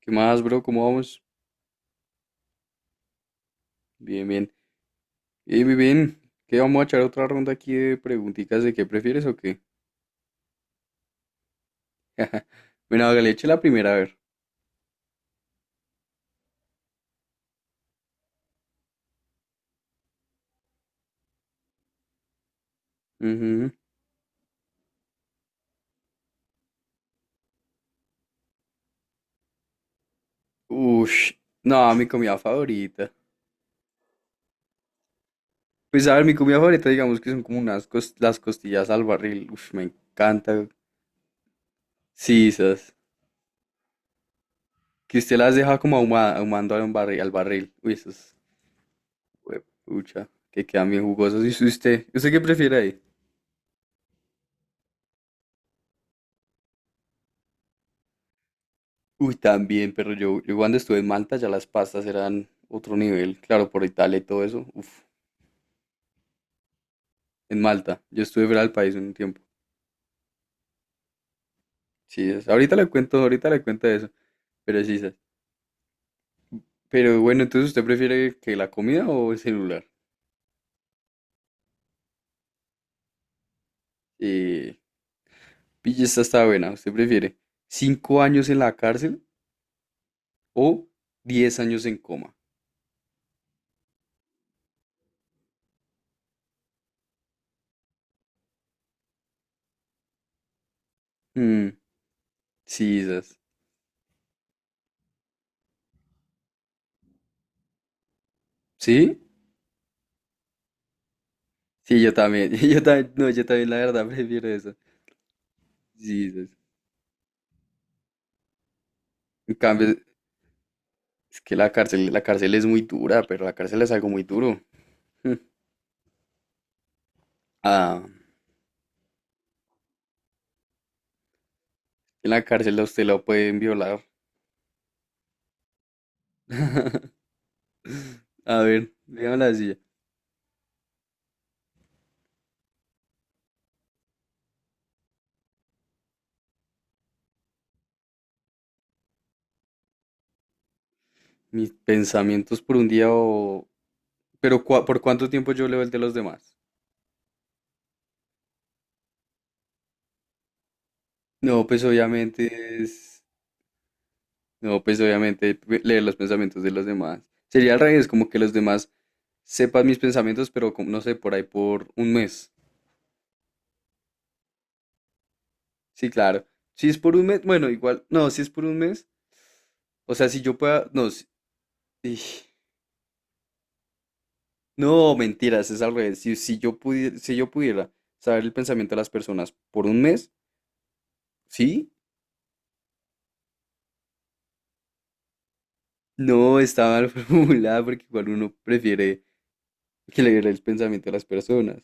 ¿Qué más, bro? ¿Cómo vamos? Bien, bien. Bien, bien, bien. ¿Qué vamos a echar otra ronda aquí de preguntitas de qué prefieres o qué? Bueno, hágale, eche la primera, a ver. Ujú. Ush. No, mi comida favorita. Pues a ver, mi comida favorita, digamos que son como las costillas al barril. Ush, me encanta. Sí, esas. Que usted las deja como ahumando al barril, al barril. Uy, esas. Pucha, que quedan bien jugosas. ¿Y usted? ¿Usted qué prefiere ahí? Uy, también, pero yo cuando estuve en Malta ya las pastas eran otro nivel, claro, por Italia y todo eso. Uf, en Malta. Yo estuve fuera del país un tiempo. Sí, ahorita le cuento eso, pero sí, sas. Pero bueno, entonces usted prefiere que la comida o el celular. Eh, pille esta está buena. ¿Usted prefiere 5 años en la cárcel o 10 años en coma? Mm, sí, sas. ¿Sí? Sí, yo también. Yo también, no, yo también la verdad prefiero eso. Sí, sas. En cambio, es que la cárcel es muy dura, pero la cárcel es algo muy duro. Hmm. Ah, en la cárcel a usted lo pueden violar. A ver, dígame así. Mis pensamientos por un día o... Pero ¿por cuánto tiempo yo leo el de los demás? No, pues obviamente es... No, pues obviamente leer los pensamientos de los demás. Sería al revés, como que los demás sepan mis pensamientos, pero como, no sé, por ahí por un mes. Sí, claro. Si es por un mes, bueno, igual, no, si es por un mes, o sea, si yo pueda, no, si sí. No, mentiras, es al revés. Si yo pudiera, si yo pudiera saber el pensamiento de las personas por un mes, ¿sí? No, está mal formulada porque igual uno prefiere que leer el pensamiento de las personas.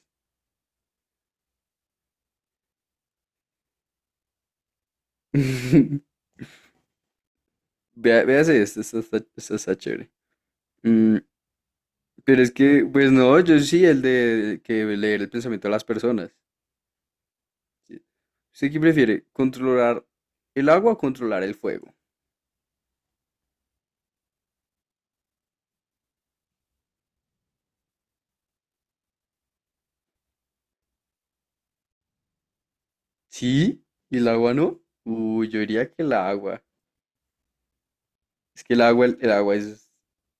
Vea, véase esto, esto está chévere. Mm, pero es que, pues no, yo sí, el de que leer el pensamiento de las personas. Sí. ¿Usted qué prefiere? ¿Controlar el agua o controlar el fuego? ¿Sí? ¿Y el agua no? Uy, yo diría que el agua. Es que el agua, el agua es,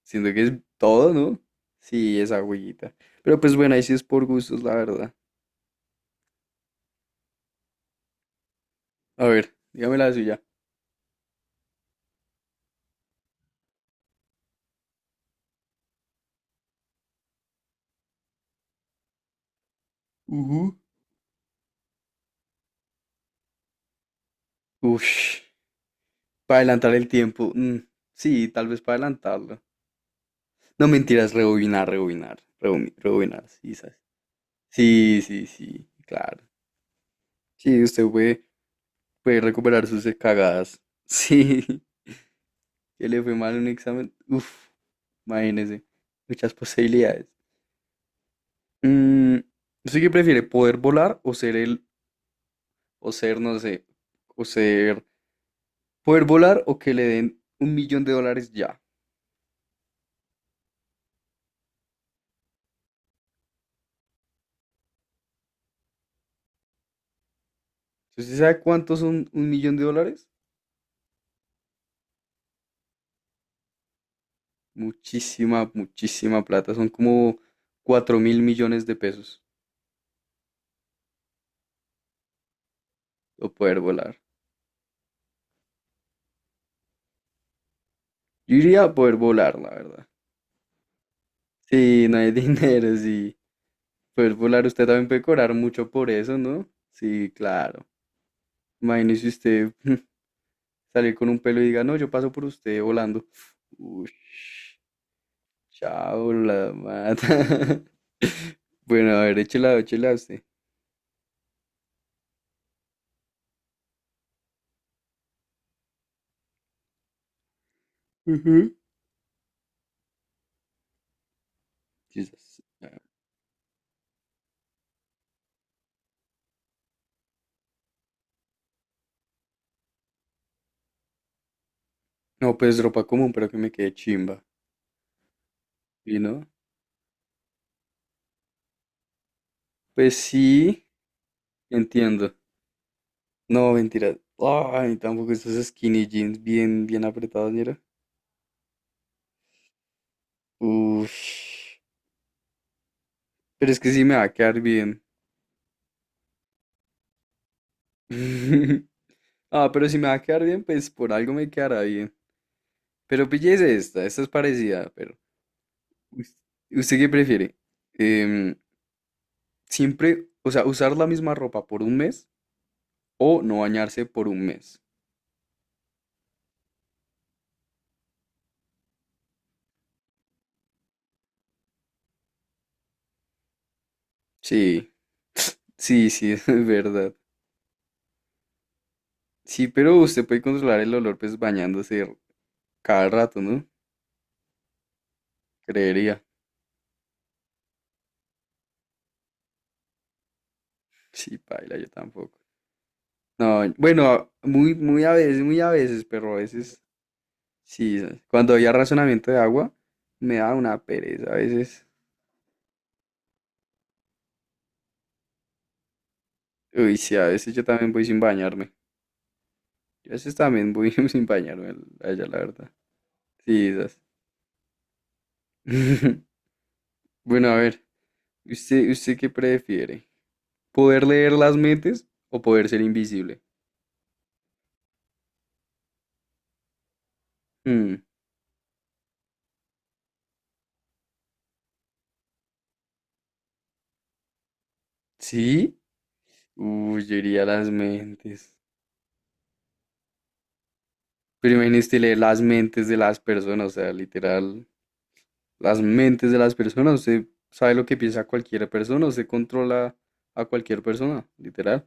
siento que es todo, ¿no? Sí, es agüita. Pero pues bueno, ahí sí es por gustos, la verdad. A ver, dígame la suya. Ujú. Ush, para adelantar el tiempo. Mm, sí, tal vez para adelantarlo. No mentiras, rebobinar, rebobinar, rebobinar, sí, ¿sabes? Sí, sí, sí, claro. Sí, usted puede, puede recuperar sus cagadas. Sí, que le fue mal un examen. Uf, imagínese, muchas posibilidades. Mm, ¿usted qué prefiere? ¿Poder volar o ser o ser, no sé, o ser, poder volar o que le den $1.000.000 ya? ¿Usted sí sabe cuántos son $1.000.000? Muchísima, muchísima plata. Son como 4.000.000.000 de pesos. O poder volar. Yo iría a poder volar, la verdad. Sí, no hay dinero, sí. Poder volar, usted también puede cobrar mucho por eso, ¿no? Sí, claro. Imagínese usted salir con un pelo y diga, no, yo paso por usted volando. Uy, chao, la mata. Bueno, a ver, échela, échela a usted. Ujú. Quizás. No, pues ropa común, pero que me quede chimba. ¿Y no? Pues sí, entiendo. No, mentira. Ay, tampoco estos skinny jeans bien, bien apretados, mira. Uf. Pero es que sí me va a quedar bien. Ah, pero si me va a quedar bien, pues por algo me quedará bien. Pero pillese esta, esta es parecida, pero. Us- ¿Usted qué prefiere? Em, siempre, o sea, usar la misma ropa por un mes o no bañarse por un mes. Sí, sí, sí, es verdad. Sí, pero usted puede controlar el olor pues bañándose cada rato, ¿no? Creería. Sí, paila, yo tampoco. No, bueno, muy, muy a veces, pero a veces, sí, cuando había razonamiento de agua, me da una pereza a veces. Uy, sí, a veces yo también voy sin bañarme. Yo a veces también voy sin bañarme, allá, la verdad. Sí, esas. Bueno, a ver, ¿usted qué prefiere? ¿Poder leer las mentes o poder ser invisible? Mm, ¿sí? Uy, yo iría a las mentes. Pero imagínese leer las mentes de las personas, o sea, literal, las mentes de las personas. Usted sabe lo que piensa cualquier persona, usted controla a cualquier persona, literal.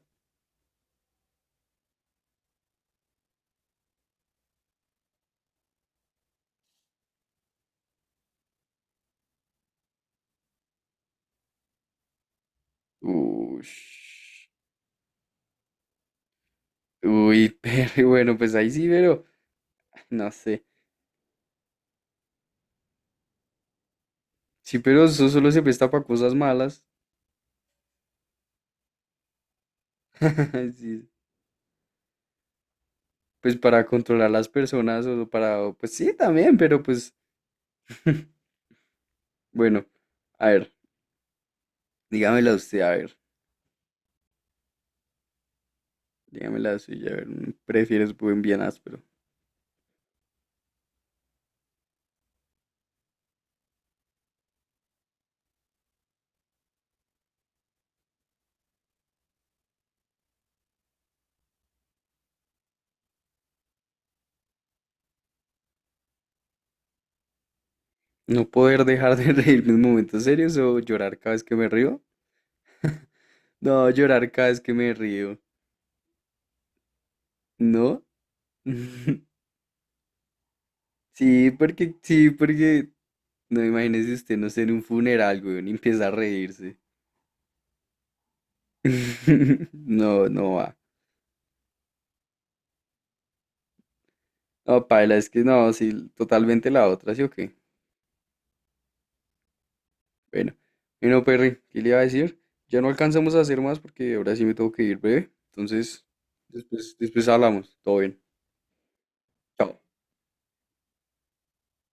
Uy, pero bueno, pues ahí sí, pero no sé. Sí, pero eso solo se presta para cosas malas. Sí, pues para controlar las personas o para, o, pues sí, también, pero pues bueno, a ver, dígamela usted, a ver, dígamela suya, a ver, ¿prefieres buen bien áspero? ¿No poder dejar de reírme en momentos serios o llorar cada vez que me río? No, llorar cada vez que me río, ¿no? Sí, porque, no imagínese usted, no sé, en un funeral, güey, y empieza a reírse. No, no va. No, paila, es que no, sí, totalmente la otra, ¿sí o qué? Bueno, bueno, Perry, ¿qué le iba a decir? Ya no alcanzamos a hacer más porque ahora sí me tengo que ir breve. Entonces, después, después hablamos. Todo bien. Chao.